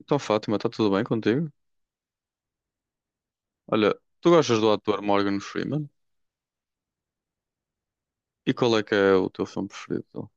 Então, Fátima, está tudo bem contigo? Olha, tu gostas do ator Morgan Freeman? E qual é que é o teu filme preferido, então?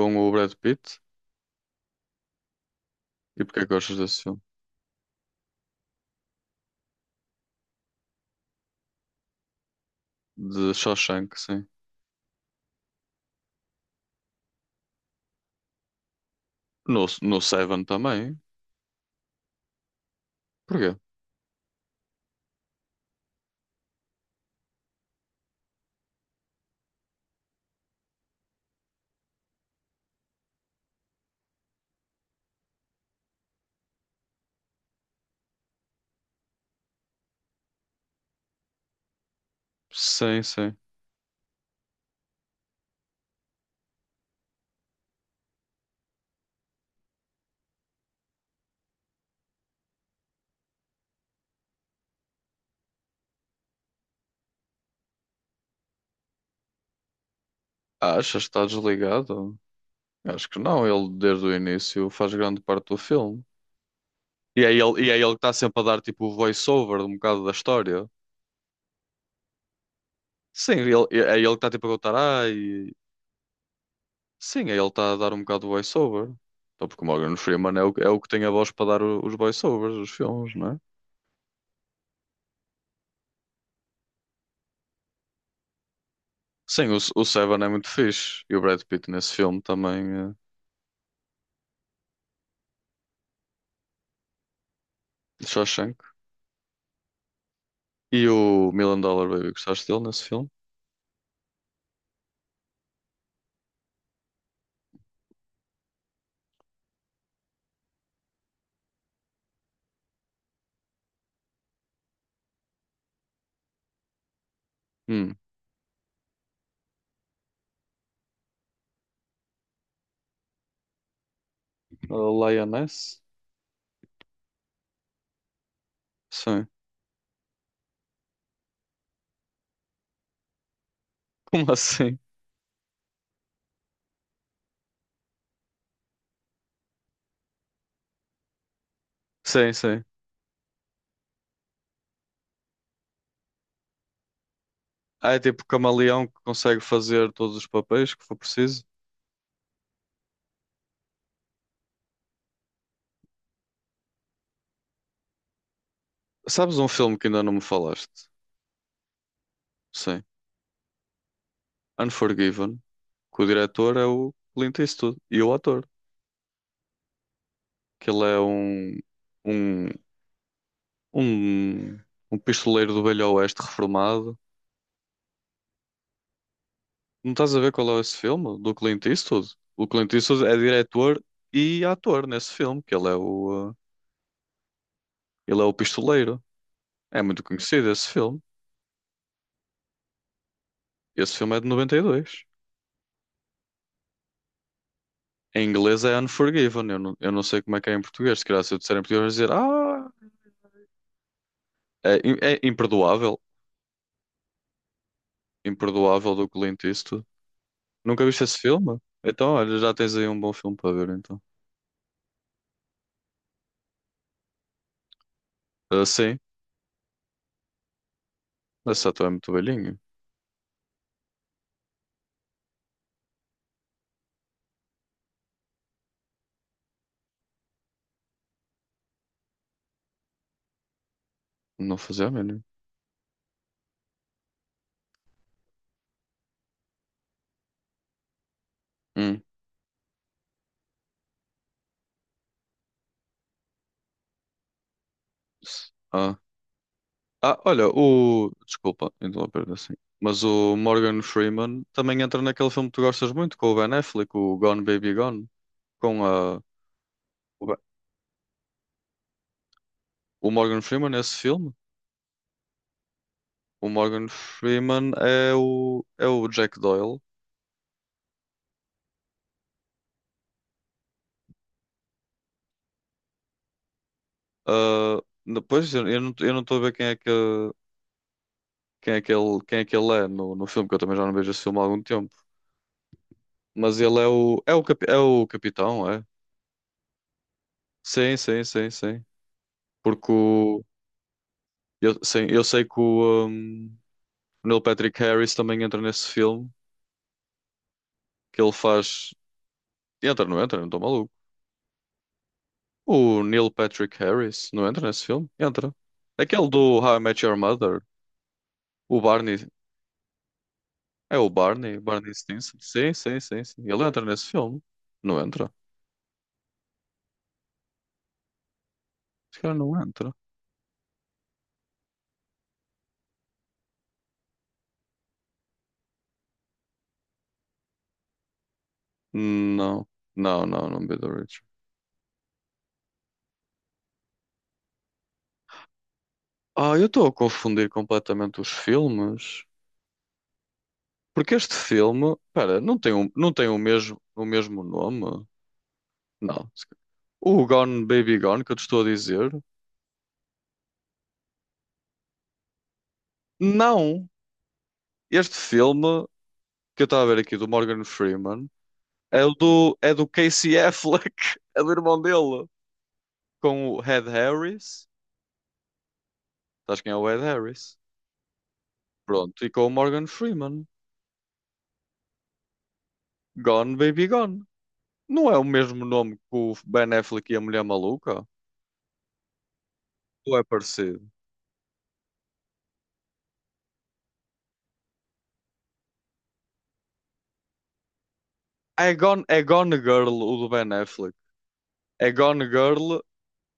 Com o Brad Pitt? E porquê que gostas desse filme? De Shawshank, sim. No Seven também? Porquê? Sim, sim. Achas que está desligado? Acho que não, ele desde o início faz grande parte do filme. E é ele que está sempre a dar tipo o voice-over de um bocado da história. Sim, ele, é ele que está tipo a contar, ai. Sim, aí ele está a dar um bocado de voice-over. Então, porque o Morgan Freeman é o que tem a voz para dar os voice-overs, os filmes, não é? Sim, o Seven é muito fixe. E o Brad Pitt nesse filme também, de Shawshank. E o Million Dollar Baby, gostaste dele nesse filme? Hum. A Lioness? Sim. Como assim? Sim, sim. Ah, é tipo camaleão que consegue fazer todos os papéis que for preciso. Sabes um filme que ainda não me falaste? Sim. Unforgiven. Que o diretor é o Clint Eastwood e o ator. Que ele é um, um, um pistoleiro do Velho Oeste reformado. Não estás a ver qual é esse filme do Clint Eastwood? O Clint Eastwood é diretor e ator nesse filme, que ele é o pistoleiro. É muito conhecido esse filme. Esse filme é de 92. Em inglês é Unforgiven. Eu não sei como é que é em português. Se calhar se eu disser em português, vão dizer ah, é, é imperdoável. Imperdoável do Clint Eastwood. Nunca viste esse filme? Então, olha, já tens aí um bom filme para ver, então. Ah, sim. Essa ator é muito velhinho? Não fazia a mínima. Hum. Ah. Ah, olha, o. Desculpa interromper assim. Mas o Morgan Freeman também entra naquele filme que tu gostas muito, com o Ben Affleck, o Gone Baby Gone. Com a. O Ben- o Morgan Freeman nesse filme. O Morgan Freeman é o Jack Doyle. Ah, depois eu não estou a ver quem é que quem é que ele é no filme, que eu também já não vejo esse filme há algum tempo. Mas ele é o. É o, é o capitão, é? Sim, sim, sim, sim. Porque o, eu, sim, eu sei que o Neil Patrick Harris também entra nesse filme, que ele faz. Entra? Não estou maluco. O Neil Patrick Harris não entra nesse filme? Entra. Aquele do How I Met Your Mother, o Barney. É o Barney, Barney Stinson. Sim, sim, sim, sim. Ele entra nesse filme? Não entra. Esse cara não entra. Não, não, não, não Be the Rich. Ah, eu estou a confundir completamente os filmes. Porque este filme, pera, não tem, um não tem o mesmo nome. Não. O Gone Baby Gone que eu te estou a dizer. Não. Este filme que eu estava a ver aqui do Morgan Freeman é é do Casey Affleck, é do irmão dele, com o Ed Harris. Sabes quem é o Ed Harris? Pronto, e com o Morgan Freeman. Gone Baby Gone. Não é o mesmo nome que o Ben Affleck e a Mulher Maluca? Ou é parecido? É Gone Girl, o do Ben Affleck. É Gone Girl.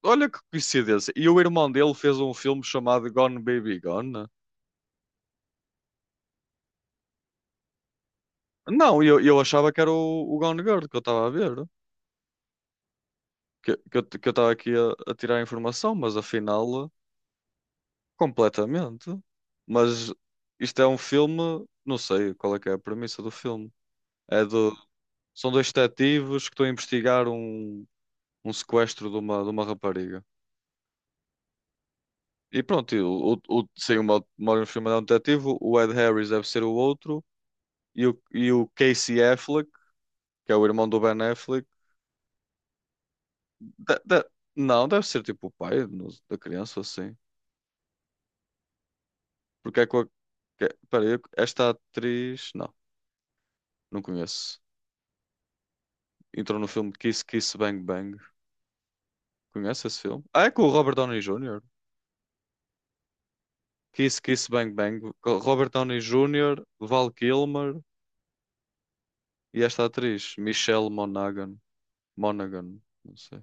Olha que coincidência. E o irmão dele fez um filme chamado Gone Baby Gone, né? Não, eu achava que era o Gone Girl que eu estava a ver. Que eu estava aqui a tirar informação, mas afinal, completamente. Mas isto é um filme, não sei qual é que é a premissa do filme. É do, são dois detetives que estão a investigar um sequestro de uma rapariga. E pronto, e sem uma filme é um detetive, o Ed Harris deve ser o outro, e o Casey Affleck que é o irmão do Ben Affleck. De- de- não, deve ser tipo o pai da criança, assim. Porque é com a. É, espera aí, esta atriz. Não, não conheço. Entrou no filme Kiss Kiss Bang Bang. Conhece esse filme? Ah, é com o Robert Downey Jr. Kiss Kiss Bang Bang, com Robert Downey Jr., Val Kilmer e esta atriz, Michelle Monaghan. Monaghan, não sei.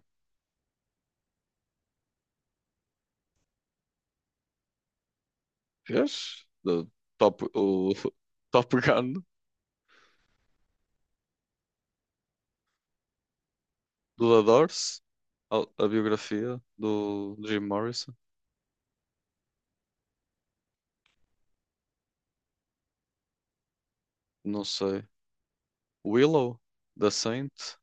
Vês? Do Top, o Top Gun, do The Doors, a, a biografia do Jim Morrison. Não sei, Willow, da Saint,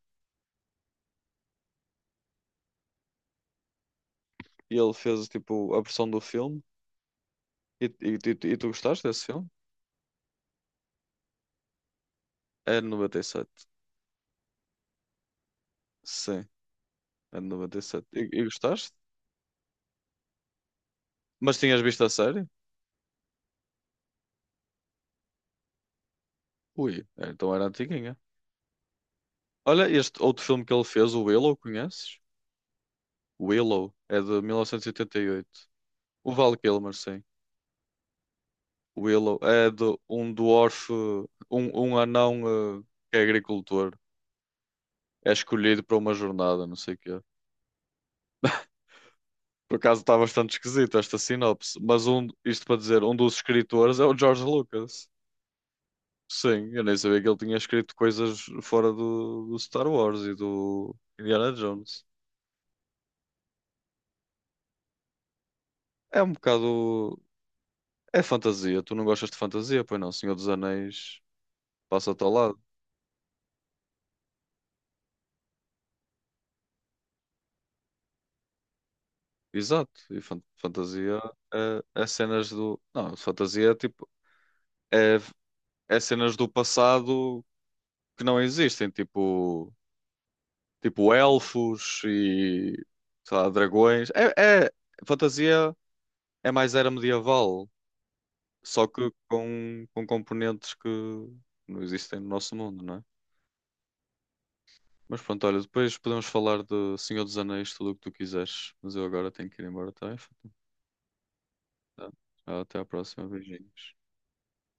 e ele fez tipo a versão do filme. E tu gostaste desse filme? É de 97. Sim, é de 97. E, sete. E gostaste? Mas tinhas visto a série? Ui, é, então era antiguinha. Olha, este outro filme que ele fez, o Willow, conheces? Willow, é de mil novecentos e oitenta e oito. O Val Kilmer, sim. Willow é de um dwarf, um anão que é agricultor. É escolhido para uma jornada, não sei o quê. Por acaso está bastante esquisito esta sinopse, mas isto para dizer, um dos escritores é o George Lucas. Sim, eu nem sabia que ele tinha escrito coisas fora do Star Wars e do Indiana Jones. É um bocado. É fantasia. Tu não gostas de fantasia? Pois não, Senhor dos Anéis passa-te ao lado. Exato. E fantasia é, é cenas do. Não, fantasia é tipo. É, é cenas do passado que não existem. Tipo. Tipo elfos e, sei lá, dragões. É, é fantasia é mais era medieval, só que com componentes que não existem no nosso mundo, não é? Mas pronto, olha, depois podemos falar de Senhor dos Anéis, tudo o que tu quiseres. Mas eu agora tenho que ir embora, tá bem? Tá. Até à próxima, beijinhos.